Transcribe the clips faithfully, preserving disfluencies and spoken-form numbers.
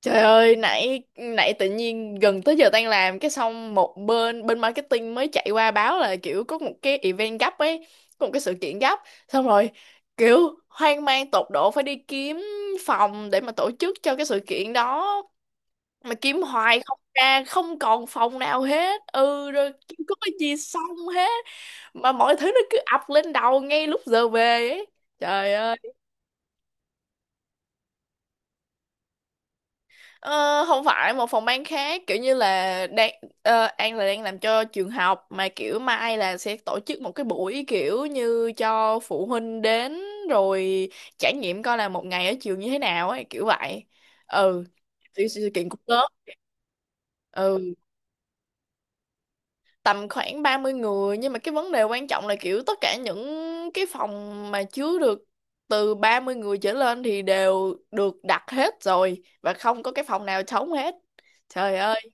Trời ơi, nãy nãy tự nhiên gần tới giờ tan làm cái xong một bên bên marketing mới chạy qua báo là kiểu có một cái event gấp ấy, có một cái sự kiện gấp. Xong rồi kiểu hoang mang tột độ phải đi kiếm phòng để mà tổ chức cho cái sự kiện đó mà kiếm hoài không ra, không còn phòng nào hết. Ừ rồi kiếm có cái gì xong hết mà mọi thứ nó cứ ập lên đầu ngay lúc giờ về ấy. Trời ơi. Ờ, không phải một phòng ban khác kiểu như là đang ờ, An là đang làm cho trường học mà kiểu mai là sẽ tổ chức một cái buổi kiểu như cho phụ huynh đến rồi trải nghiệm coi là một ngày ở trường như thế nào ấy kiểu vậy, ừ, sự, sự kiện cũng lớn. Ừ, tầm khoảng ba mươi người nhưng mà cái vấn đề quan trọng là kiểu tất cả những cái phòng mà chứa được từ ba mươi người trở lên thì đều được đặt hết rồi và không có cái phòng nào trống hết. Trời ơi.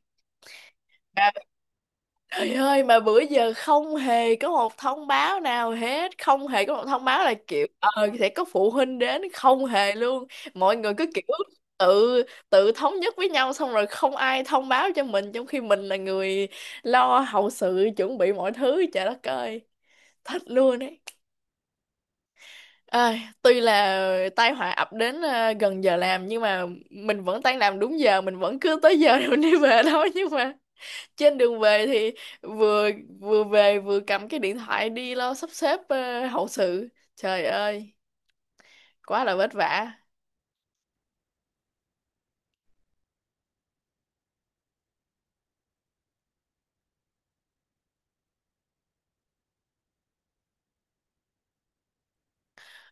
Trời ơi mà bữa giờ không hề có một thông báo nào hết. Không hề có một thông báo là kiểu ờ sẽ có phụ huynh đến. Không hề luôn. Mọi người cứ kiểu tự tự thống nhất với nhau. Xong rồi không ai thông báo cho mình. Trong khi mình là người lo hậu sự, chuẩn bị mọi thứ. Trời đất ơi. Thích luôn ấy. Ơi, tuy là tai họa ập đến ờ, gần giờ làm nhưng mà mình vẫn tan làm đúng giờ, mình vẫn cứ tới giờ rồi đi về thôi, nhưng mà trên đường về thì vừa vừa về vừa cầm cái điện thoại đi lo sắp xếp ờ, hậu sự. Trời ơi, quá là vất vả.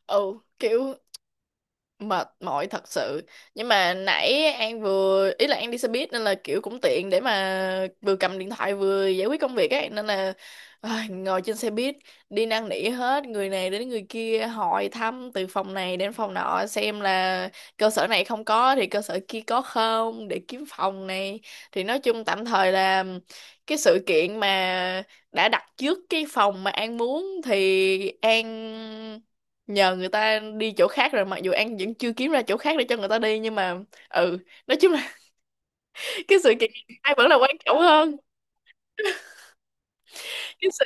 Ừ, kiểu mệt mỏi thật sự. Nhưng mà nãy An vừa ý là An đi xe buýt nên là kiểu cũng tiện để mà vừa cầm điện thoại vừa giải quyết công việc ấy, nên là ai, ngồi trên xe buýt đi năn nỉ hết người này đến người kia, hỏi thăm từ phòng này đến phòng nọ xem là cơ sở này không có thì cơ sở kia có không, để kiếm phòng này. Thì nói chung tạm thời là cái sự kiện mà đã đặt trước cái phòng mà An muốn thì An nhờ người ta đi chỗ khác rồi, mặc dù An vẫn chưa kiếm ra chỗ khác để cho người ta đi, nhưng mà ừ, nói chung là cái sự kiện ai vẫn là quan trọng hơn. Cái sự,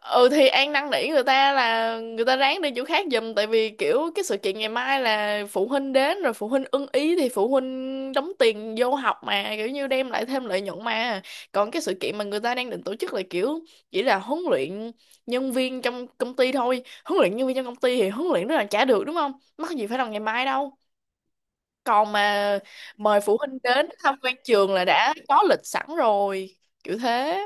ừ, thì An năn nỉ người ta là người ta ráng đi chỗ khác giùm, tại vì kiểu cái sự kiện ngày mai là phụ huynh đến rồi, phụ huynh ưng ý thì phụ huynh đóng tiền vô học mà, kiểu như đem lại thêm lợi nhuận mà. Còn cái sự kiện mà người ta đang định tổ chức là kiểu chỉ là huấn luyện nhân viên trong công ty thôi, huấn luyện nhân viên trong công ty thì huấn luyện rất là trả được đúng không, mắc gì phải làm ngày mai đâu, còn mà mời phụ huynh đến tham quan trường là đã có lịch sẵn rồi, kiểu thế.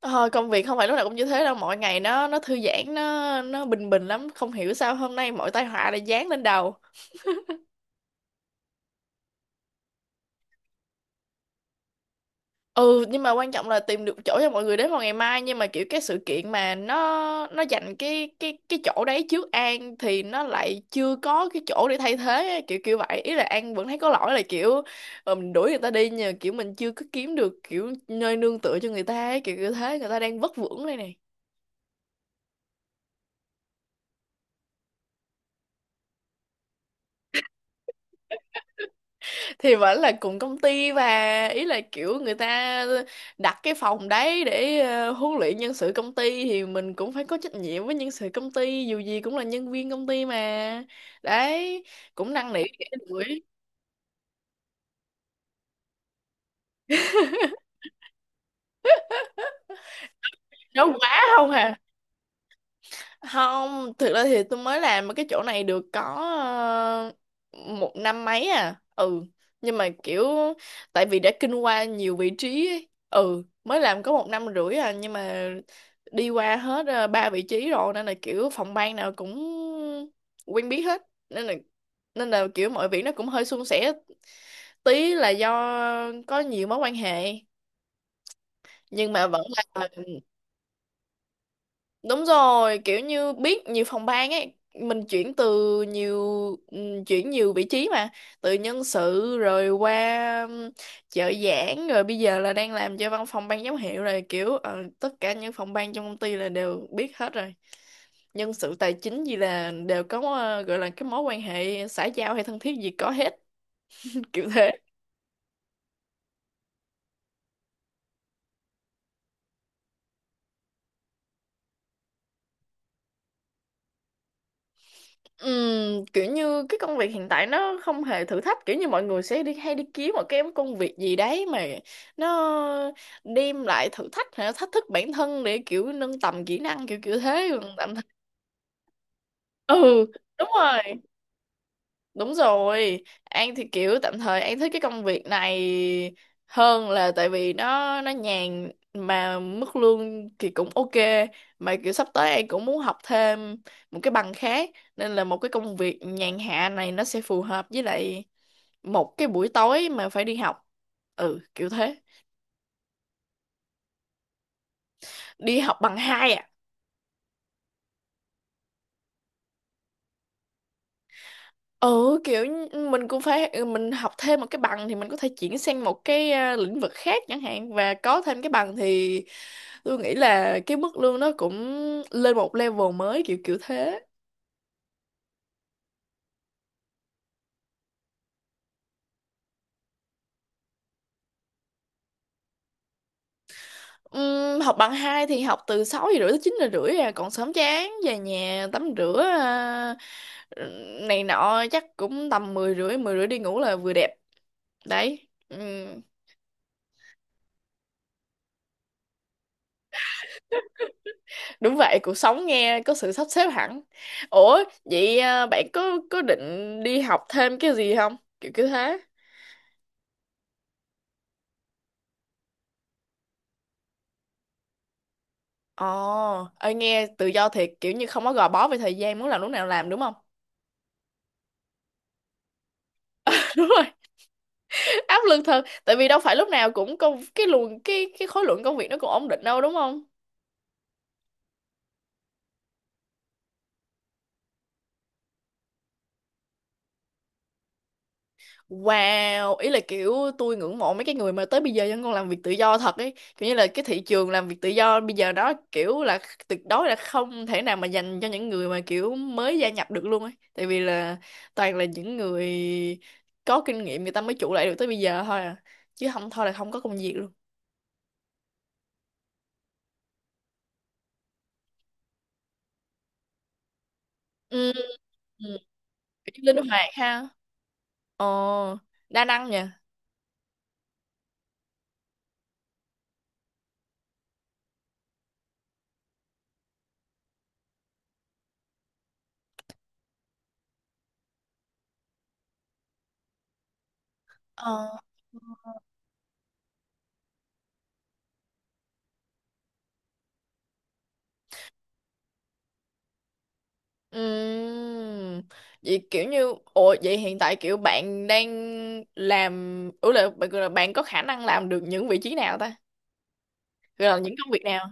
Ờ, công việc không phải lúc nào cũng như thế đâu, mọi ngày nó nó thư giãn, nó nó bình bình lắm, không hiểu sao hôm nay mọi tai họa lại giáng lên đầu. Ừ, nhưng mà quan trọng là tìm được chỗ cho mọi người đến vào ngày mai, nhưng mà kiểu cái sự kiện mà nó nó dành cái cái cái chỗ đấy trước An thì nó lại chưa có cái chỗ để thay thế á, kiểu kiểu vậy, ý là An vẫn thấy có lỗi, là kiểu ờ, mình đuổi người ta đi nhờ, kiểu mình chưa có kiếm được kiểu nơi nương tựa cho người ta ấy, kiểu kiểu thế, người ta đang vất vưởng đây nè. Thì vẫn là cùng công ty, và ý là kiểu người ta đặt cái phòng đấy để ờ, huấn luyện nhân sự công ty, thì mình cũng phải có trách nhiệm với nhân sự công ty, dù gì cũng là nhân viên công ty mà. Đấy, cũng năn nỉ đuổi, nói quá không hà. Không, thực ra thì tôi mới làm ở cái chỗ này được có ờ, một năm mấy à. Ừ, nhưng mà kiểu tại vì đã kinh qua nhiều vị trí ấy. Ừ, mới làm có một năm rưỡi à, nhưng mà đi qua hết ờ, ba vị trí rồi, nên là kiểu phòng ban nào cũng quen biết hết, nên là nên là kiểu mọi việc nó cũng hơi suôn sẻ tí là do có nhiều mối quan hệ, nhưng mà vẫn là. Đúng rồi, kiểu như biết nhiều phòng ban ấy, mình chuyển từ nhiều ừm, chuyển nhiều vị trí mà, từ nhân sự rồi qua ừm, trợ giảng, rồi bây giờ là đang làm cho văn phòng ban giám hiệu rồi, kiểu ờ, tất cả những phòng ban trong công ty là đều biết hết rồi. Nhân sự tài chính gì là đều có ờ, gọi là cái mối quan hệ xã giao hay thân thiết gì có hết kiểu thế. Ừm, kiểu như cái công việc hiện tại nó không hề thử thách, kiểu như mọi người sẽ đi hay đi kiếm một cái công việc gì đấy mà nó đem lại thử thách hay là thách thức bản thân để kiểu nâng tầm kỹ năng, kiểu kiểu thế, còn tạm thời ừ đúng rồi. Đúng rồi, An thì kiểu tạm thời An thích cái công việc này hơn, là tại vì nó nó nhàn mà mức lương thì cũng ok, mà kiểu sắp tới An cũng muốn học thêm một cái bằng khác, nên là một cái công việc nhàn hạ này nó sẽ phù hợp với lại một cái buổi tối mà phải đi học. Ừ, kiểu thế. Đi học bằng hai à? Ừ kiểu như ừ, mình cũng phải ừ, mình học thêm một cái bằng thì mình có thể chuyển sang một cái à, lĩnh vực khác chẳng hạn, và có thêm cái bằng thì tôi nghĩ là cái mức lương nó cũng lên một level mới, kiểu kiểu thế. Ừm, học bằng hai thì học từ sáu giờ rưỡi tới chín giờ rưỡi à, còn sớm chán, về nhà tắm rửa à, này nọ chắc cũng tầm mười rưỡi mười rưỡi đi ngủ là vừa đẹp đấy. Ừm. Đúng vậy, cuộc sống nghe có sự sắp xếp hẳn. Ủa, vậy à, bạn có có định đi học thêm cái gì không? Kiểu kiểu thế. Ồ, ơi nghe tự do thiệt, kiểu như không có gò bó về thời gian, muốn làm lúc nào làm đúng không? Đúng rồi, áp lực thật, tại vì đâu phải lúc nào cũng công cái luồng cái cái khối lượng công việc nó cũng ổn định đâu đúng không? Wow, ý là kiểu tôi ngưỡng mộ mấy cái người mà tới bây giờ vẫn còn làm việc tự do thật ấy. Kiểu như là cái thị trường làm việc tự do bây giờ đó kiểu là tuyệt đối là không thể nào mà dành cho những người mà kiểu mới gia nhập được luôn ấy. Tại vì là toàn là những người có kinh nghiệm người ta mới trụ lại được tới bây giờ thôi à. Chứ không thôi là không có công việc luôn. Ừ, ừ. Kiểu như linh hoạt ha. Ờ, đa năng nha. Ờ. Ừm, vậy kiểu như ồ vậy hiện tại kiểu bạn đang làm, ừ là bạn, là bạn có khả năng làm được những vị trí nào ta? Rồi là những công việc nào?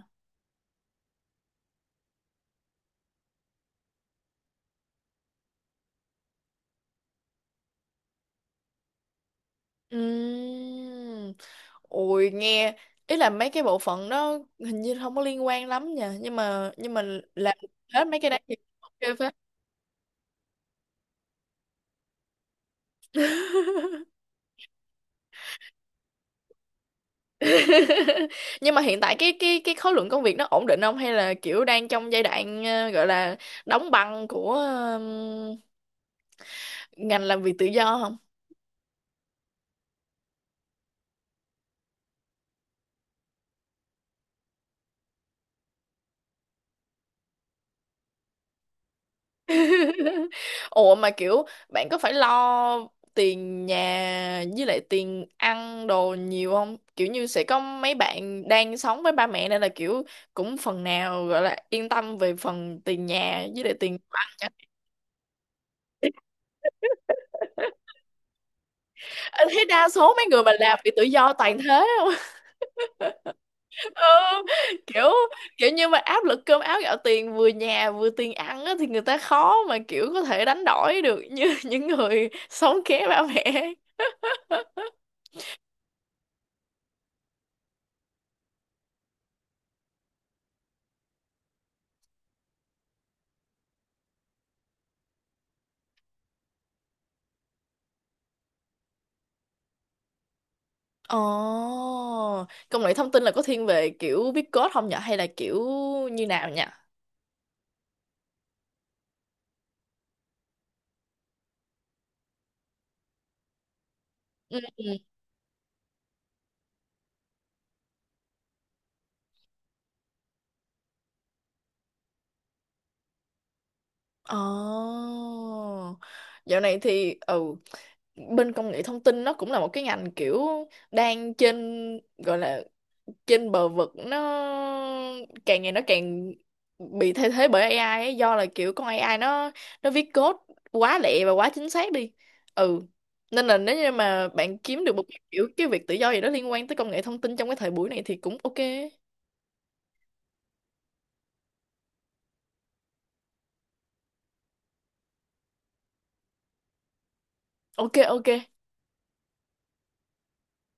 Ừm. Ôi nghe ý là mấy cái bộ phận đó hình như không có liên quan lắm nha, nhưng mà nhưng mà làm hết mấy cái đấy thì ok phết. Nhưng mà hiện tại cái cái cái khối lượng công việc nó ổn định không, hay là kiểu đang trong giai đoạn ờ, gọi là đóng băng của ờ, ngành làm việc tự do không? Ủa mà kiểu bạn có phải lo tiền nhà với lại tiền ăn đồ nhiều không? Kiểu như sẽ có mấy bạn đang sống với ba mẹ nên là kiểu cũng phần nào gọi là yên tâm về phần tiền nhà với lại tiền đồ ăn chẳng hạn. Anh thấy đa số mấy người mà làm bị tự do toàn thế không? Ừ, kiểu kiểu như mà áp lực cơm áo gạo tiền, vừa nhà vừa tiền ăn á, thì người ta khó mà kiểu có thể đánh đổi được như những người sống ké ba mẹ. Ồ, công nghệ thông tin là có thiên về kiểu viết code không nhở? Hay là kiểu như nào nhỉ? Ừ, ừ. Ồ, dạo này thì ừ, bên công nghệ thông tin nó cũng là một cái ngành kiểu đang trên, gọi là trên bờ vực, nó càng ngày nó càng bị thay thế bởi a i ấy, do là kiểu con a i nó nó viết code quá lẹ và quá chính xác đi. Ừ, nên là nếu như mà bạn kiếm được một cái kiểu cái việc tự do gì đó liên quan tới công nghệ thông tin trong cái thời buổi này thì cũng ok. Ok, ok.